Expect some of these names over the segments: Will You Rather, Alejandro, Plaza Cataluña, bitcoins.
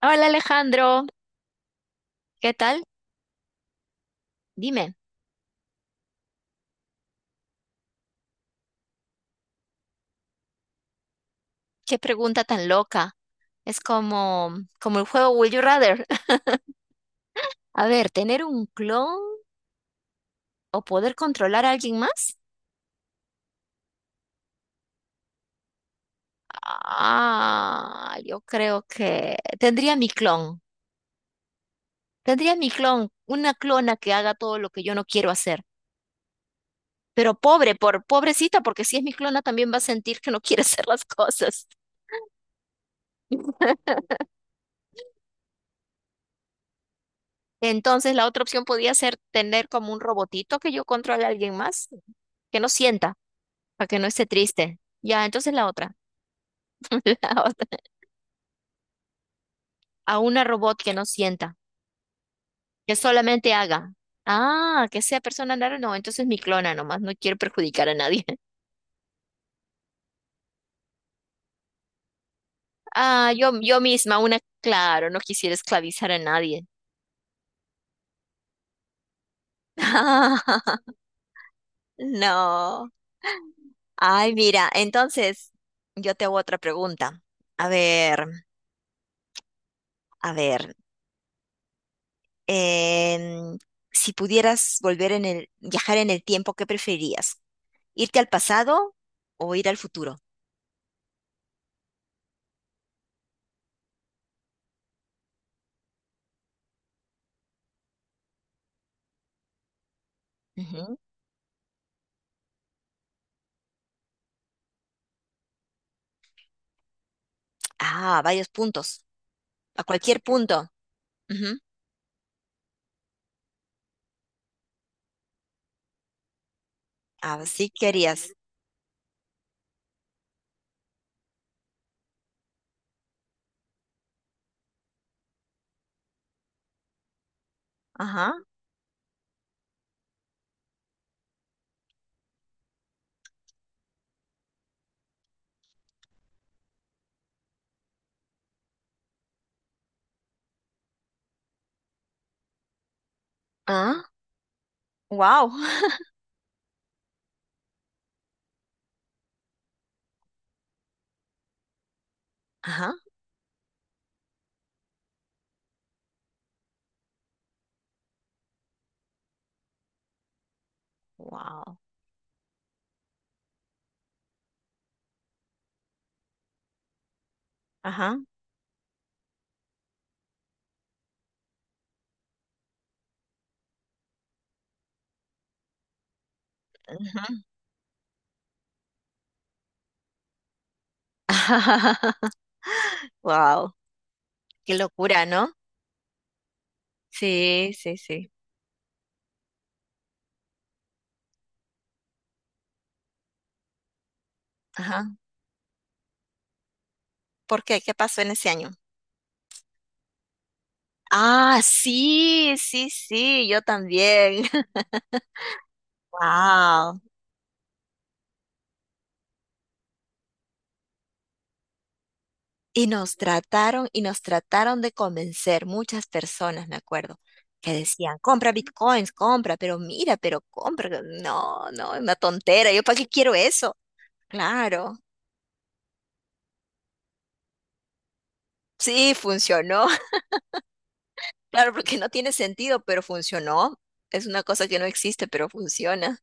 Hola Alejandro, ¿qué tal? Dime, qué pregunta tan loca. Es como el juego Will You Rather. A ver, ¿tener un clon o poder controlar a alguien más? Ah, yo creo que tendría mi clon. Tendría mi clon, una clona que haga todo lo que yo no quiero hacer. Pero pobrecita, porque si es mi clona también va a sentir que no quiere hacer las cosas. Entonces la otra opción podía ser tener como un robotito que yo controle a alguien más, que no sienta, para que no esté triste. Ya, entonces la otra, la otra. A una robot que no sienta, que solamente haga. Ah, que sea persona rara, no, entonces mi clona nomás, no quiero perjudicar a nadie. Ah, yo misma, una, claro, no quisiera esclavizar a nadie. No. Ay, mira, entonces yo te hago otra pregunta. A ver, a ver. em, si pudieras volver en el, viajar en el tiempo, ¿qué preferías? ¿Irte al pasado o ir al futuro? Ujú. Ah, varios puntos. A cualquier punto. Ujú. Así querías. Ajá. Ah, wow. Ajá. Wow. Ajá. Ujú. Wow. Qué locura, ¿no? Sí, sí, sí. Ajá. ¿Por qué? ¿Qué pasó en ese año? Ah, sí, sí, sí, yo también. Wow. Y nos trataron de convencer muchas personas, me acuerdo, que decían, compra bitcoins, compra, pero mira, pero compra. No, no, es una tontera, ¿yo para qué quiero eso? Claro, sí, funcionó. Claro, porque no tiene sentido, pero funcionó. Es una cosa que no existe, pero funciona.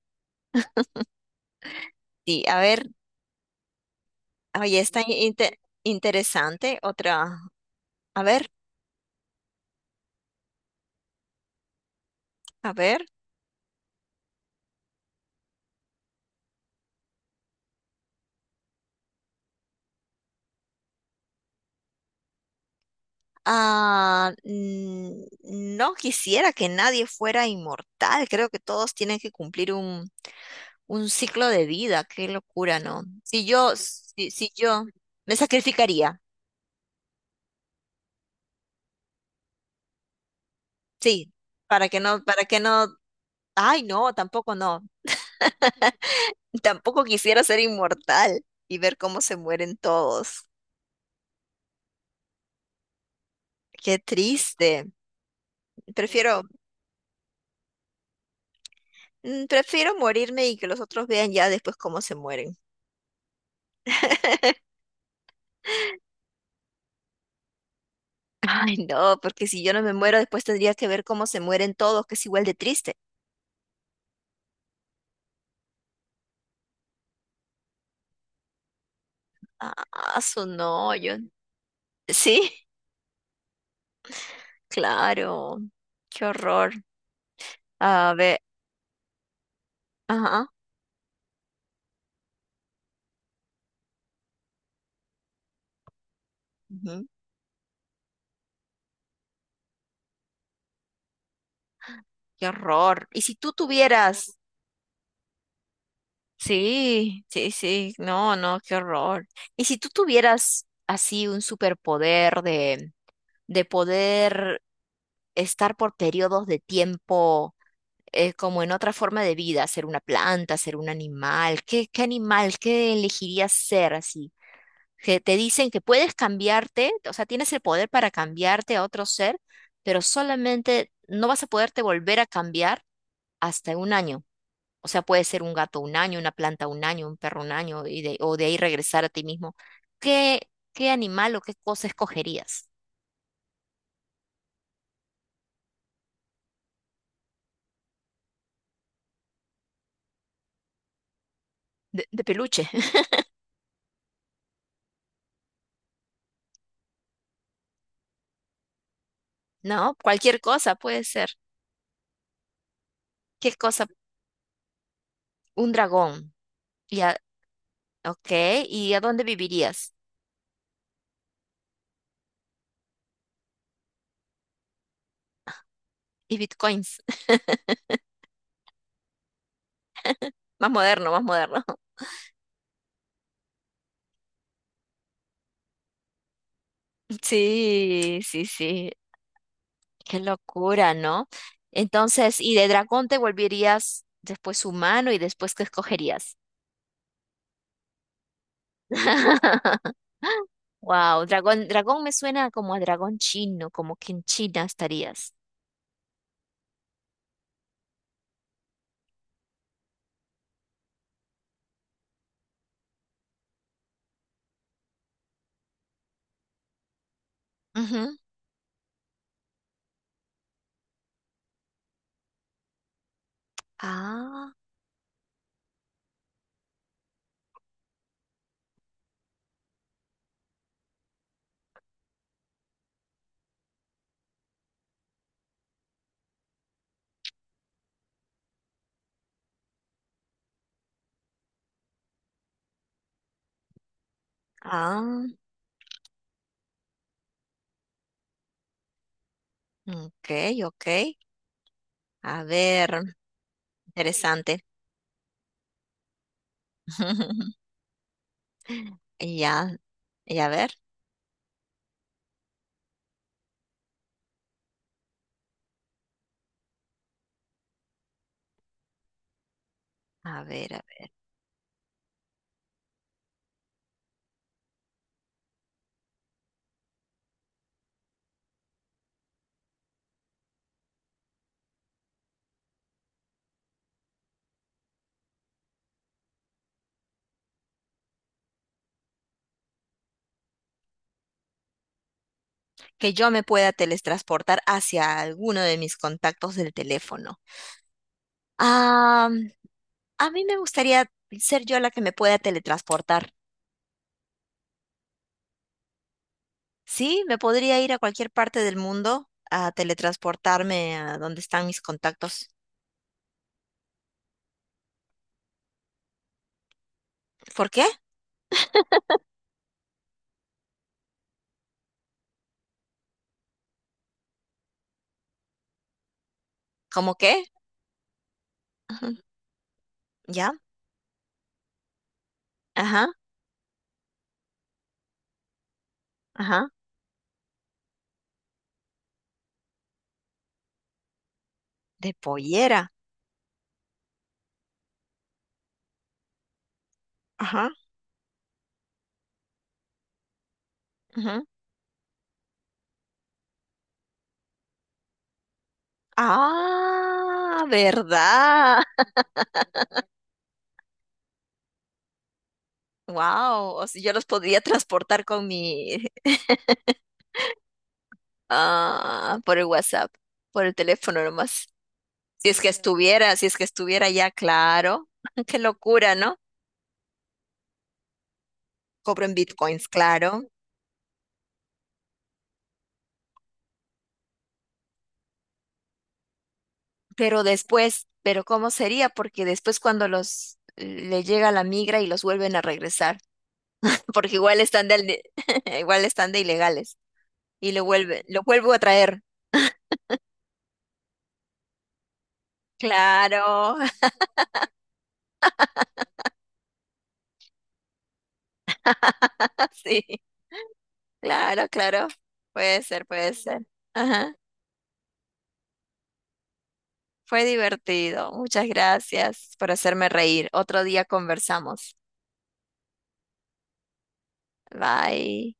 Sí, a ver, ahí está interesante. Otra, a ver, a ver. Ah, mm, no quisiera que nadie fuera inmortal. Creo que todos tienen que cumplir un ciclo de vida. Qué locura, ¿no? Si yo me sacrificaría, sí, para que no, ay, no, tampoco no. Tampoco quisiera ser inmortal y ver cómo se mueren todos. Qué triste. Prefiero, mm, prefiero morirme y que los otros vean ya después cómo se mueren. Ay, no, porque si yo no me muero, después tendría que ver cómo se mueren todos, que es igual de triste. Ah, su no, yo. Sí, claro. Qué horror. A ver, ajá, ujú. Qué horror. Y si tú tuvieras. Sí, sí, sí. No, no, qué horror. Y si tú tuvieras así un superpoder de poder estar por periodos de tiempo. Como en otra forma de vida, ser una planta, ser un animal. ¿Qué, qué animal, qué elegirías ser así? Que te dicen que puedes cambiarte, o sea, tienes el poder para cambiarte a otro ser, pero solamente no vas a poderte volver a cambiar hasta un año. O sea, puede ser un gato un año, una planta un año, un perro un año, y de, o de ahí regresar a ti mismo. ¿Qué, qué animal o qué cosa escogerías? De peluche, ¿no? Cualquier cosa puede ser. ¿Qué cosa? Un dragón. Ya, ok, ¿y a dónde vivirías? Y bitcoins, más moderno, más moderno. Sí, sí, sí, qué locura, ¿no? Entonces, ¿y de dragón te volverías después humano y después qué escogerías? Wow, dragón, dragón me suena como a dragón chino, como que en China estarías. Ujú. Ah, ah, ok, ok. A ver, interesante. Ya, y a ver, a ver. Que yo me pueda teletransportar hacia alguno de mis contactos del teléfono. Ah, a mí me gustaría ser yo la que me pueda teletransportar. Sí, me podría ir a cualquier parte del mundo a teletransportarme a donde están mis contactos. ¿Por qué? ¿Cómo qué? Ujú. ¿Ya? Ajá, ajá. De pollera. Ajá, ajá. Ah, ¿verdad? Wow, yo los podría transportar con mi Ah, por el WhatsApp, por el teléfono nomás. Si es que estuviera, si es que estuviera ya, claro. Qué locura, ¿no? Cobro en bitcoins, claro. Pero después, pero ¿cómo sería? Porque después cuando los le llega la migra y los vuelven a regresar, porque igual están de, igual están de ilegales y lo vuelve, lo vuelvo a traer. Claro, sí, claro, claro. Puede ser, puede ser. Ajá. Fue divertido. Muchas gracias por hacerme reír. Otro día conversamos. Bye.